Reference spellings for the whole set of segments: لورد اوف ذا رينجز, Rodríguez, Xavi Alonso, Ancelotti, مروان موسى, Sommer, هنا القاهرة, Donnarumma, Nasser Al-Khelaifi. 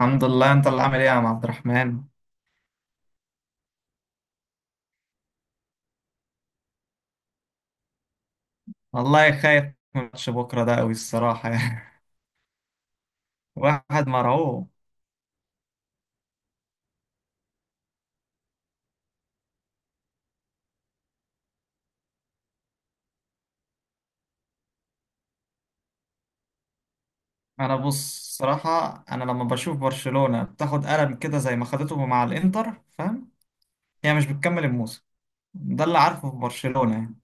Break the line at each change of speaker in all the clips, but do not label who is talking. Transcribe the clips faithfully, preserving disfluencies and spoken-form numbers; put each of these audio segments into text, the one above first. الحمد لله، انت اللي عامل ايه يا عم عبد الرحمن؟ والله خايف من ماتش بكره ده قوي الصراحه. يعني واحد مرعوب. انا بص صراحه، انا لما بشوف برشلونه بتاخد قلم كده زي ما خدته مع الانتر فاهم. هي مش بتكمل الموسم، ده اللي عارفه في برشلونه يعني.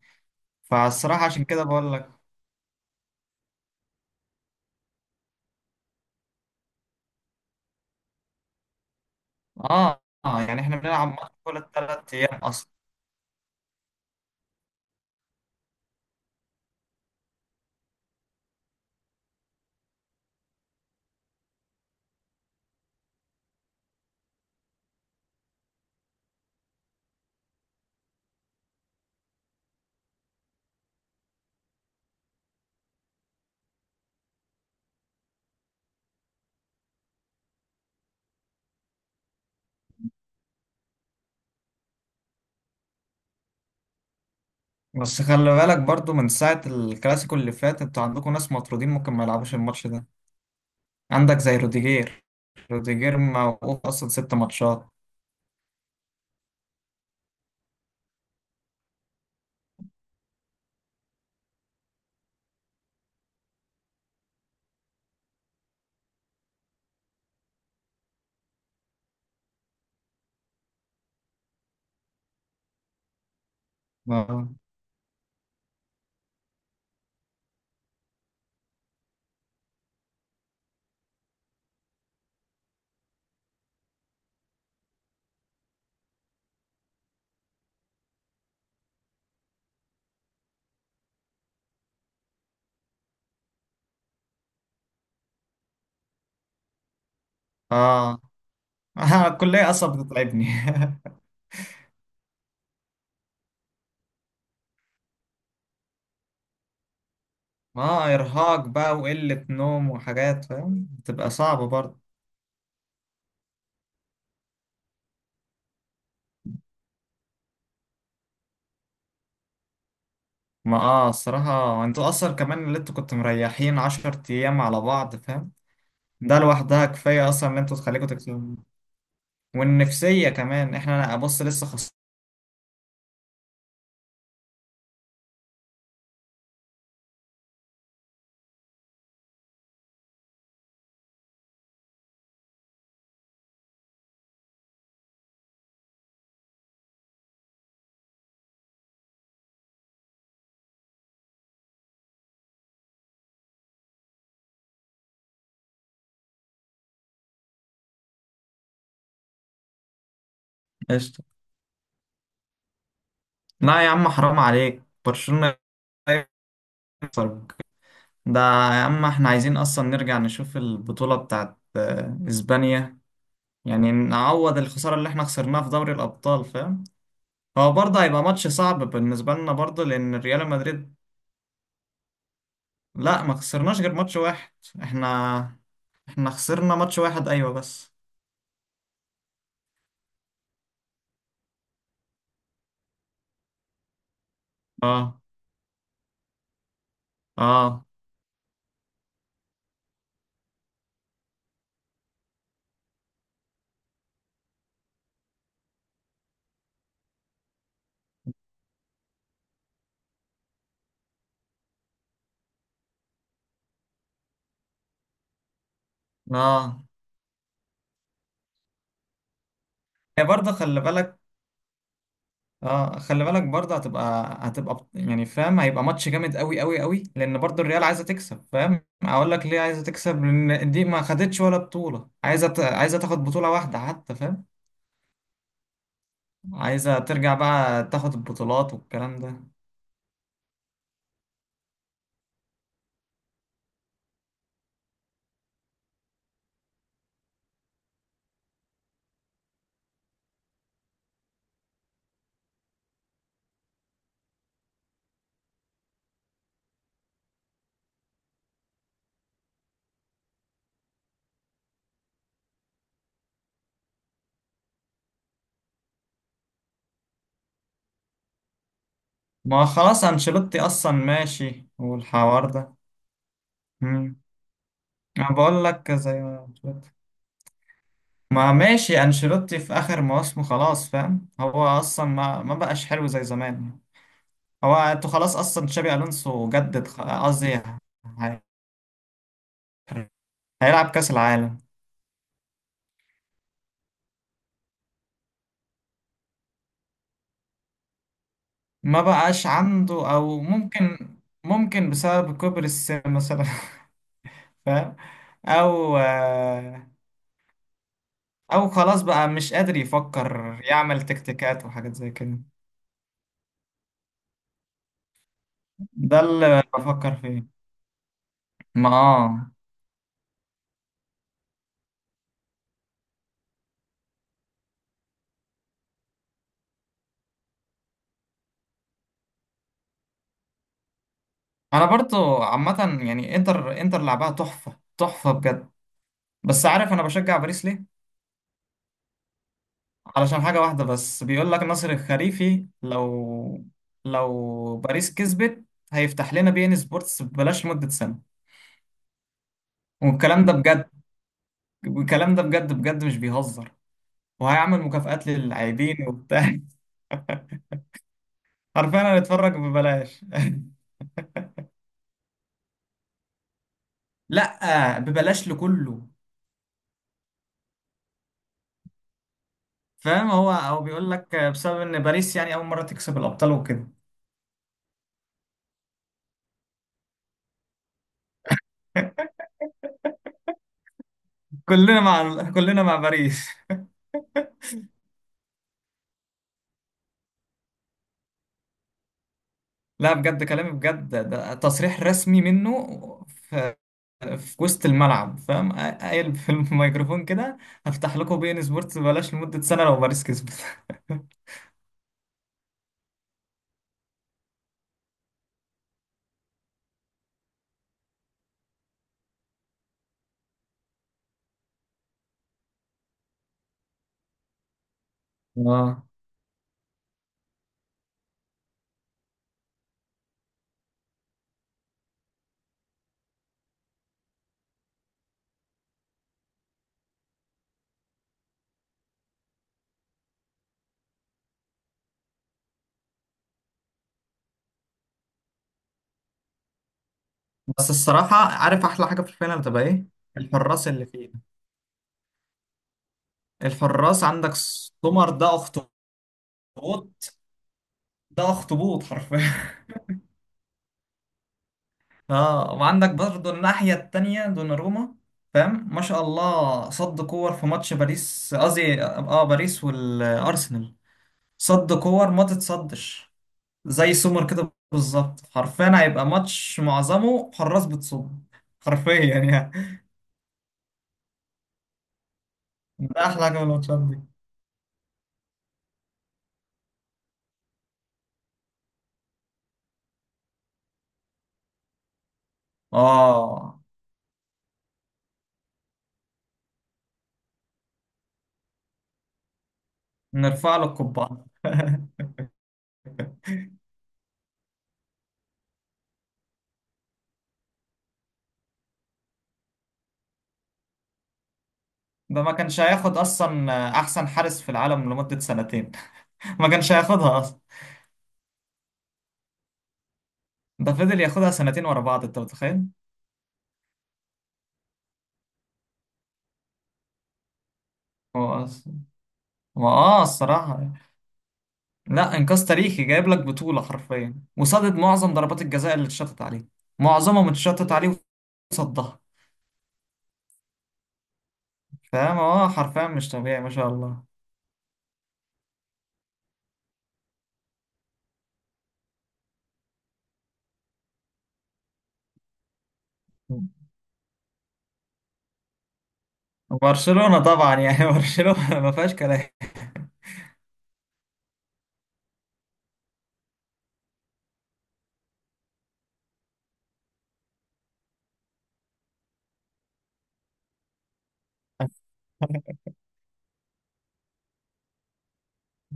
فالصراحه عشان كده بقول لك. اه اه، يعني احنا بنلعب ماتش كل ثلاث ايام اصلا. بس خلي بالك برضو، من ساعه الكلاسيكو اللي فات انتوا عندكم ناس مطرودين، ممكن ما يلعبوش الماتش ده. عندك زي روديجير، روديجير موقوف اصلا ست ماتشات. اه اه. آه، الكلية اصلا بتتعبني. ما ارهاق بقى وقلة نوم وحاجات فاهم بتبقى صعبة برضه. ما اه الصراحة انتوا اصلا كمان اللي انتوا كنتوا مريحين عشر ايام على بعض فاهم. ده لوحدها كفاية اصلا ان انتوا تخليكوا تكسبوا. والنفسية كمان، احنا بص لسه خسرانين. قشطة. لا يا عم، حرام عليك. برشلونة، ده يا عم احنا عايزين اصلا نرجع نشوف البطولة بتاعت آه، اسبانيا. يعني نعوض الخسارة اللي احنا خسرناها في دوري الابطال فاهم. هو برضه هيبقى ماتش صعب بالنسبة لنا برضه لان ريال مدريد. لا ما خسرناش غير ماتش واحد. احنا احنا خسرنا ماتش واحد ايوه بس. اه اه اه. هي برضه خلي بالك، اه خلي بالك برضه هتبقى هتبقى بط- يعني فاهم هيبقى ماتش جامد قوي قوي قوي لان برضه الريال عايزه تكسب. فاهم اقول لك ليه عايزه تكسب؟ لان دي ما خدتش ولا بطوله، عايزه ت... عايزه تاخد بطوله واحده حتى فاهم. عايزه ترجع بقى تاخد البطولات والكلام ده. ما هو خلاص انشيلوتي اصلا ماشي والحوار ده. امم انا بقول لك زي ما قلت لك. ما ماشي انشيلوتي في اخر مواسمه خلاص، فاهم هو اصلا ما ما بقاش حلو زي زمان. هو انتوا خلاص اصلا تشابي الونسو جدد خ- قصدي هي- هيلعب كاس العالم. ما بقاش عنده او ممكن ممكن بسبب كبر السن مثلا. فاهم. او آه، او خلاص بقى مش قادر يفكر يعمل تكتيكات وحاجات زي كده. ده اللي بفكر فيه. ما اه انا برضو عامه يعني انتر انتر لعبها تحفه تحفه بجد. بس عارف انا بشجع باريس ليه؟ علشان حاجة واحدة بس. بيقول لك ناصر الخريفي، لو لو باريس كسبت هيفتح لنا بي ان سبورتس ببلاش لمدة سنة. والكلام ده بجد، والكلام ده بجد بجد مش بيهزر. وهيعمل مكافآت للاعبين وبتاع. حرفيا هنتفرج ببلاش. لا ببلاش لكله. فاهم، هو هو بيقول لك بسبب ان باريس يعني اول مرة تكسب الابطال وكده. كلنا مع كلنا مع باريس. لا بجد كلامي بجد، ده تصريح رسمي منه. ف- في وسط الملعب فاهم، قايل في الميكروفون كده هفتح لكم بي ان سبورتس ببلاش لمدة سنة لو باريس كسبت. اه بس الصراحة، عارف أحلى حاجة في الفينال تبقى إيه؟ الحراس اللي فيه. الحراس، عندك سومر ده أخطبوط. ده أخطبوط حرفيا. آه وعندك برضه الناحية التانية دوناروما، فاهم؟ ما شاء الله صد كور في ماتش باريس قصدي آه باريس والأرسنال، صد كور ما تتصدش. زي السوبر كده بالظبط، حرفيا هيبقى ماتش معظمه حراس بتصد. حرفيا يعني. ده احلى حاجه من الماتشات دي. اه، نرفع له القبعه. ده ما كانش هياخد اصلا. احسن حارس في العالم لمده سنتين. ما كانش هياخدها اصلا. ده فضل ياخدها سنتين ورا بعض، انت متخيل. هو أص- ما اه الصراحه، لا انجاز تاريخي جايب لك بطوله حرفيا وصدد معظم ضربات الجزاء اللي اتشطت عليه. معظمها متشطت عليه وصدها. فاهم، اه حرفيا مش طبيعي ما شاء الله. برشلونة طبعا يعني. برشلونة ما فيهاش كلام.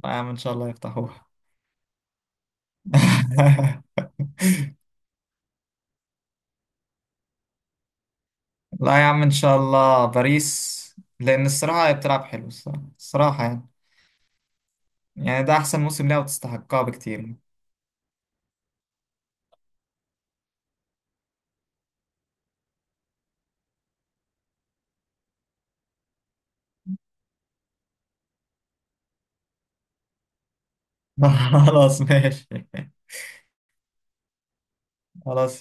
لا يا عم، ان شاء الله يفتحوها. لا يا عم، ان شاء الله باريس. لان الصراحة هي بتلعب حلو، الصراحة الصراحة يعني. يعني ده احسن موسم ليها وتستحقها بكتير. خلاص ماشي. خلاص.